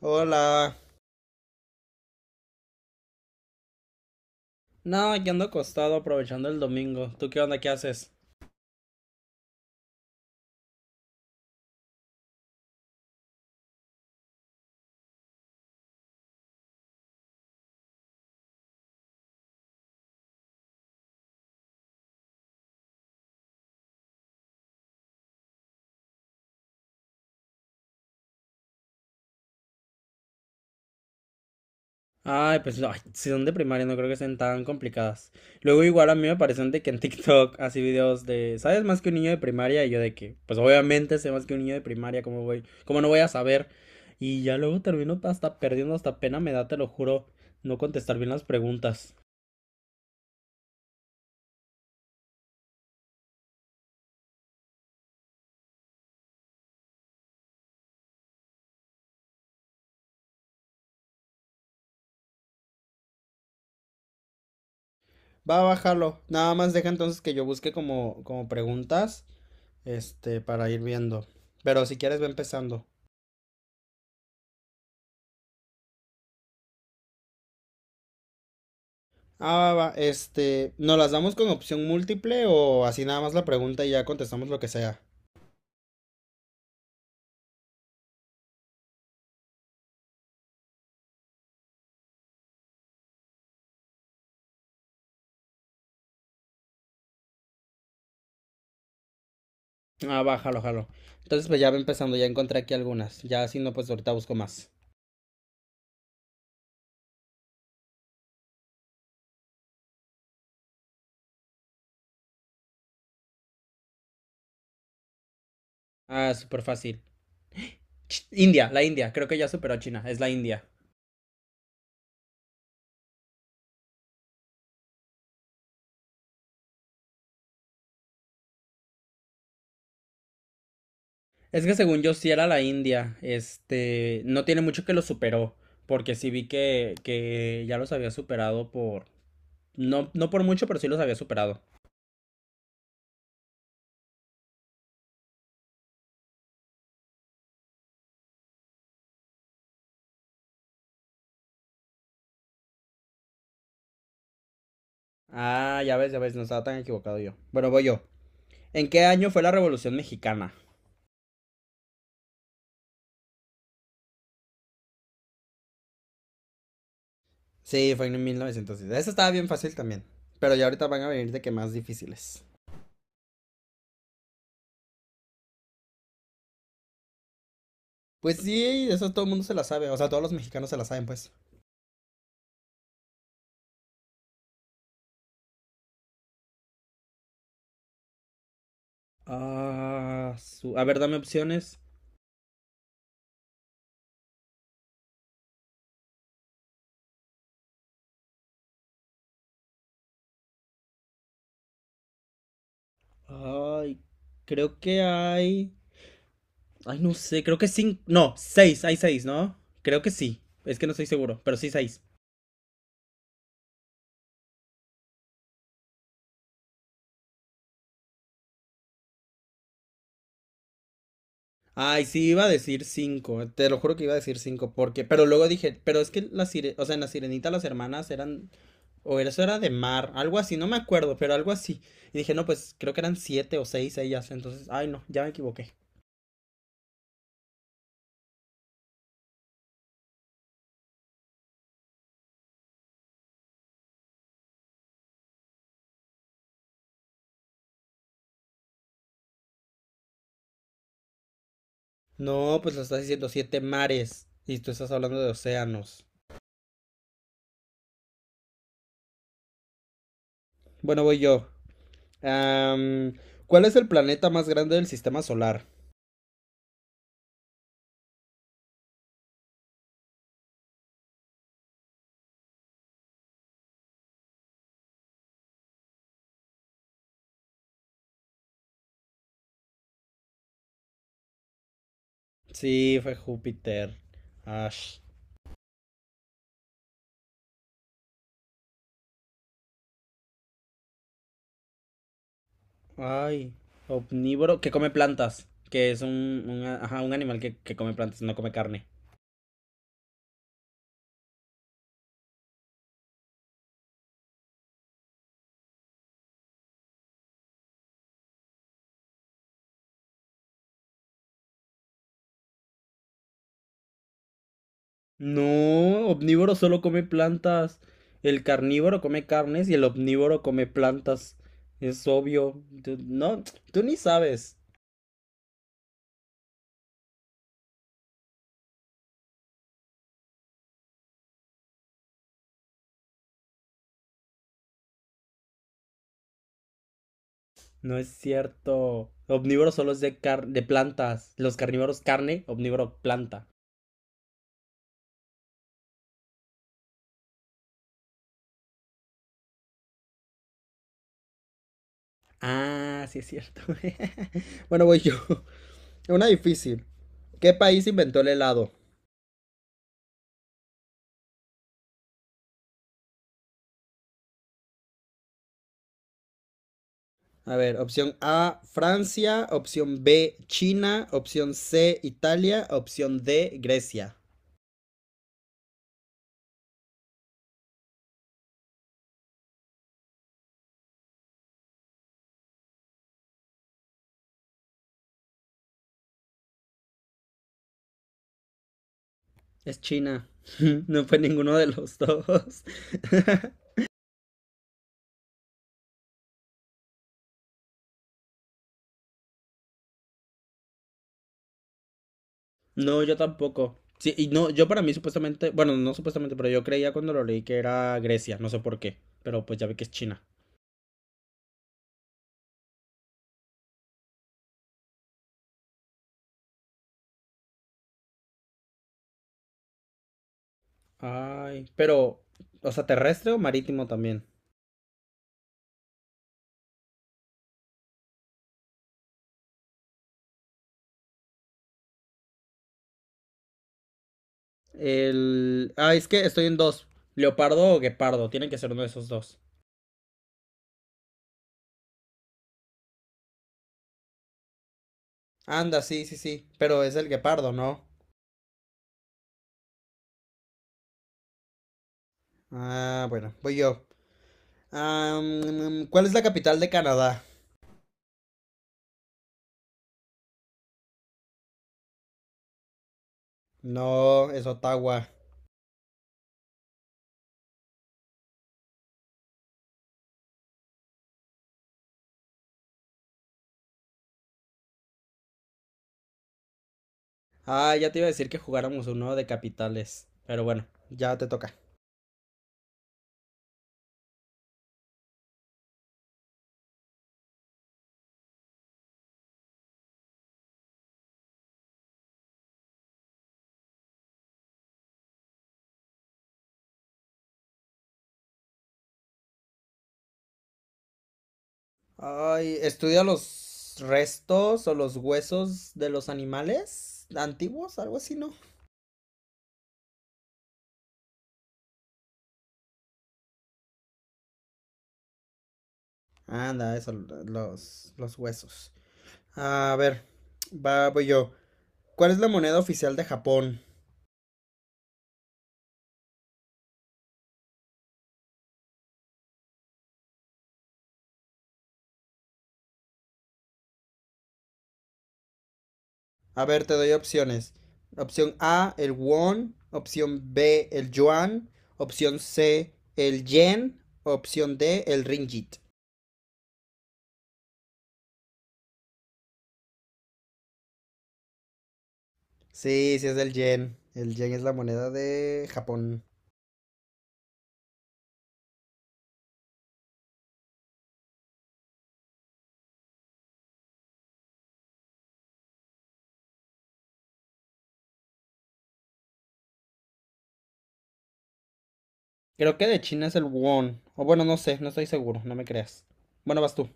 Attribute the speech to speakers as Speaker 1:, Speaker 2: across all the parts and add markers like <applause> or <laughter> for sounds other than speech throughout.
Speaker 1: Hola. No, yo ando acostado aprovechando el domingo. ¿Tú qué onda? ¿Qué haces? Ay, pues ay, si son de primaria, no creo que sean tan complicadas. Luego igual a mí me parecen de que en TikTok así videos de, ¿sabes más que un niño de primaria? Y yo de que, pues obviamente sé más que un niño de primaria. ¿Cómo voy? ¿Cómo no voy a saber? Y ya luego termino hasta perdiendo, hasta pena me da, te lo juro, no contestar bien las preguntas. Va a bajarlo. Nada más deja entonces que yo busque como preguntas, para ir viendo. Pero si quieres, ve empezando. Ah, va, va, ¿nos las damos con opción múltiple o así nada más la pregunta y ya contestamos lo que sea? Ah, va, jalo, jalo. Entonces, pues ya va empezando, ya encontré aquí algunas. Ya si no, pues ahorita busco más. Ah, súper fácil. India, la India, creo que ya superó a China, es la India. Es que según yo sí era la India, no tiene mucho que lo superó, porque sí vi que ya los había superado por, no, no por mucho, pero sí los había superado. Ah, ya ves, no estaba tan equivocado yo. Bueno, voy yo. ¿En qué año fue la Revolución Mexicana? Sí, fue en 1900. Eso estaba bien fácil también. Pero ya ahorita van a venir de que más difíciles. Pues sí, eso todo el mundo se la sabe. O sea, todos los mexicanos se la saben, pues. Ah, a ver, dame opciones. Ay, creo que hay. Ay, no sé, creo que cinco. No, seis, hay seis, ¿no? Creo que sí. Es que no estoy seguro, pero sí seis. Ay, sí, iba a decir cinco. Te lo juro que iba a decir cinco, porque. Pero luego dije, pero es que la o sea, en la sirenita las hermanas eran. O eso era de mar, algo así, no me acuerdo, pero algo así. Y dije, no, pues creo que eran siete o seis ellas. Entonces, ay, no, ya me equivoqué. No, pues lo estás diciendo siete mares. Y tú estás hablando de océanos. Bueno, voy yo. Am, ¿Cuál es el planeta más grande del sistema solar? Sí, fue Júpiter. Ash. Ay, omnívoro que come plantas. Que es ajá, un animal que come plantas, no come carne. No, omnívoro solo come plantas. El carnívoro come carnes y el omnívoro come plantas. Es obvio. No, tú ni sabes. No es cierto. Omnívoro solo es de de plantas. Los carnívoros carne, omnívoro planta. Ah, sí es cierto. <laughs> Bueno, voy yo. <laughs> Una difícil. ¿Qué país inventó el helado? A ver, opción A, Francia, opción B, China, opción C, Italia, opción D, Grecia. Es China. <laughs> No fue ninguno de los dos. <laughs> No, yo tampoco. Sí, y no, yo para mí supuestamente, bueno, no supuestamente, pero yo creía cuando lo leí que era Grecia, no sé por qué, pero pues ya vi que es China. Ay, pero, o sea, ¿terrestre o marítimo también? El... Ah, es que estoy en dos. Leopardo o guepardo, tiene que ser uno de esos dos. Anda, sí, sí, sí, pero es el guepardo, ¿no? Ah, bueno, voy yo. ¿Cuál es la capital de Canadá? No, es Ottawa. Ah, ya te iba a decir que jugáramos uno de capitales, pero bueno, ya te toca. Ay, estudia los restos o los huesos de los animales antiguos, algo así, ¿no? Anda, eso, los huesos. A ver, va, voy yo. ¿Cuál es la moneda oficial de Japón? A ver, te doy opciones. Opción A, el won. Opción B, el yuan. Opción C, el yen. Opción D, el ringgit. Sí, sí es del yen. El yen es la moneda de Japón. Creo que de China es el won. O bueno, no sé, no estoy seguro, no me creas. Bueno, vas tú.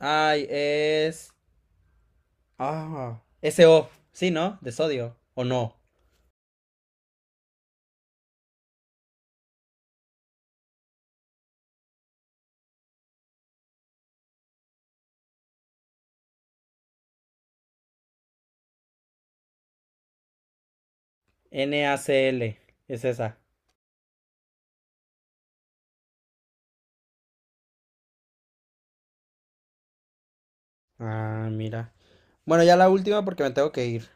Speaker 1: Ay, es... Ah, SO. Sí, ¿no? De sodio. ¿O no? NaCl. Es esa. Ah, mira. Bueno, ya la última porque me tengo que ir.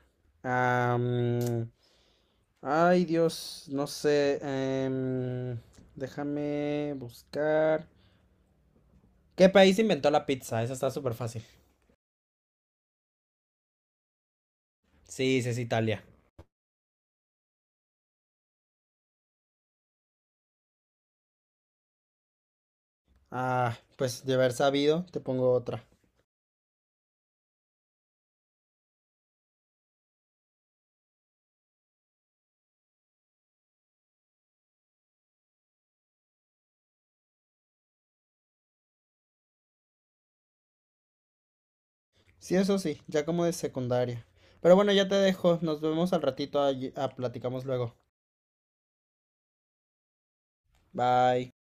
Speaker 1: Am, Ay, Dios, no sé. Déjame buscar. ¿Qué país inventó la pizza? Esa está súper fácil. Sí, sí, es Italia. Ah, pues de haber sabido, te pongo otra. Sí, eso sí, ya como de secundaria. Pero bueno, ya te dejo. Nos vemos al ratito. Ah, platicamos luego. Bye.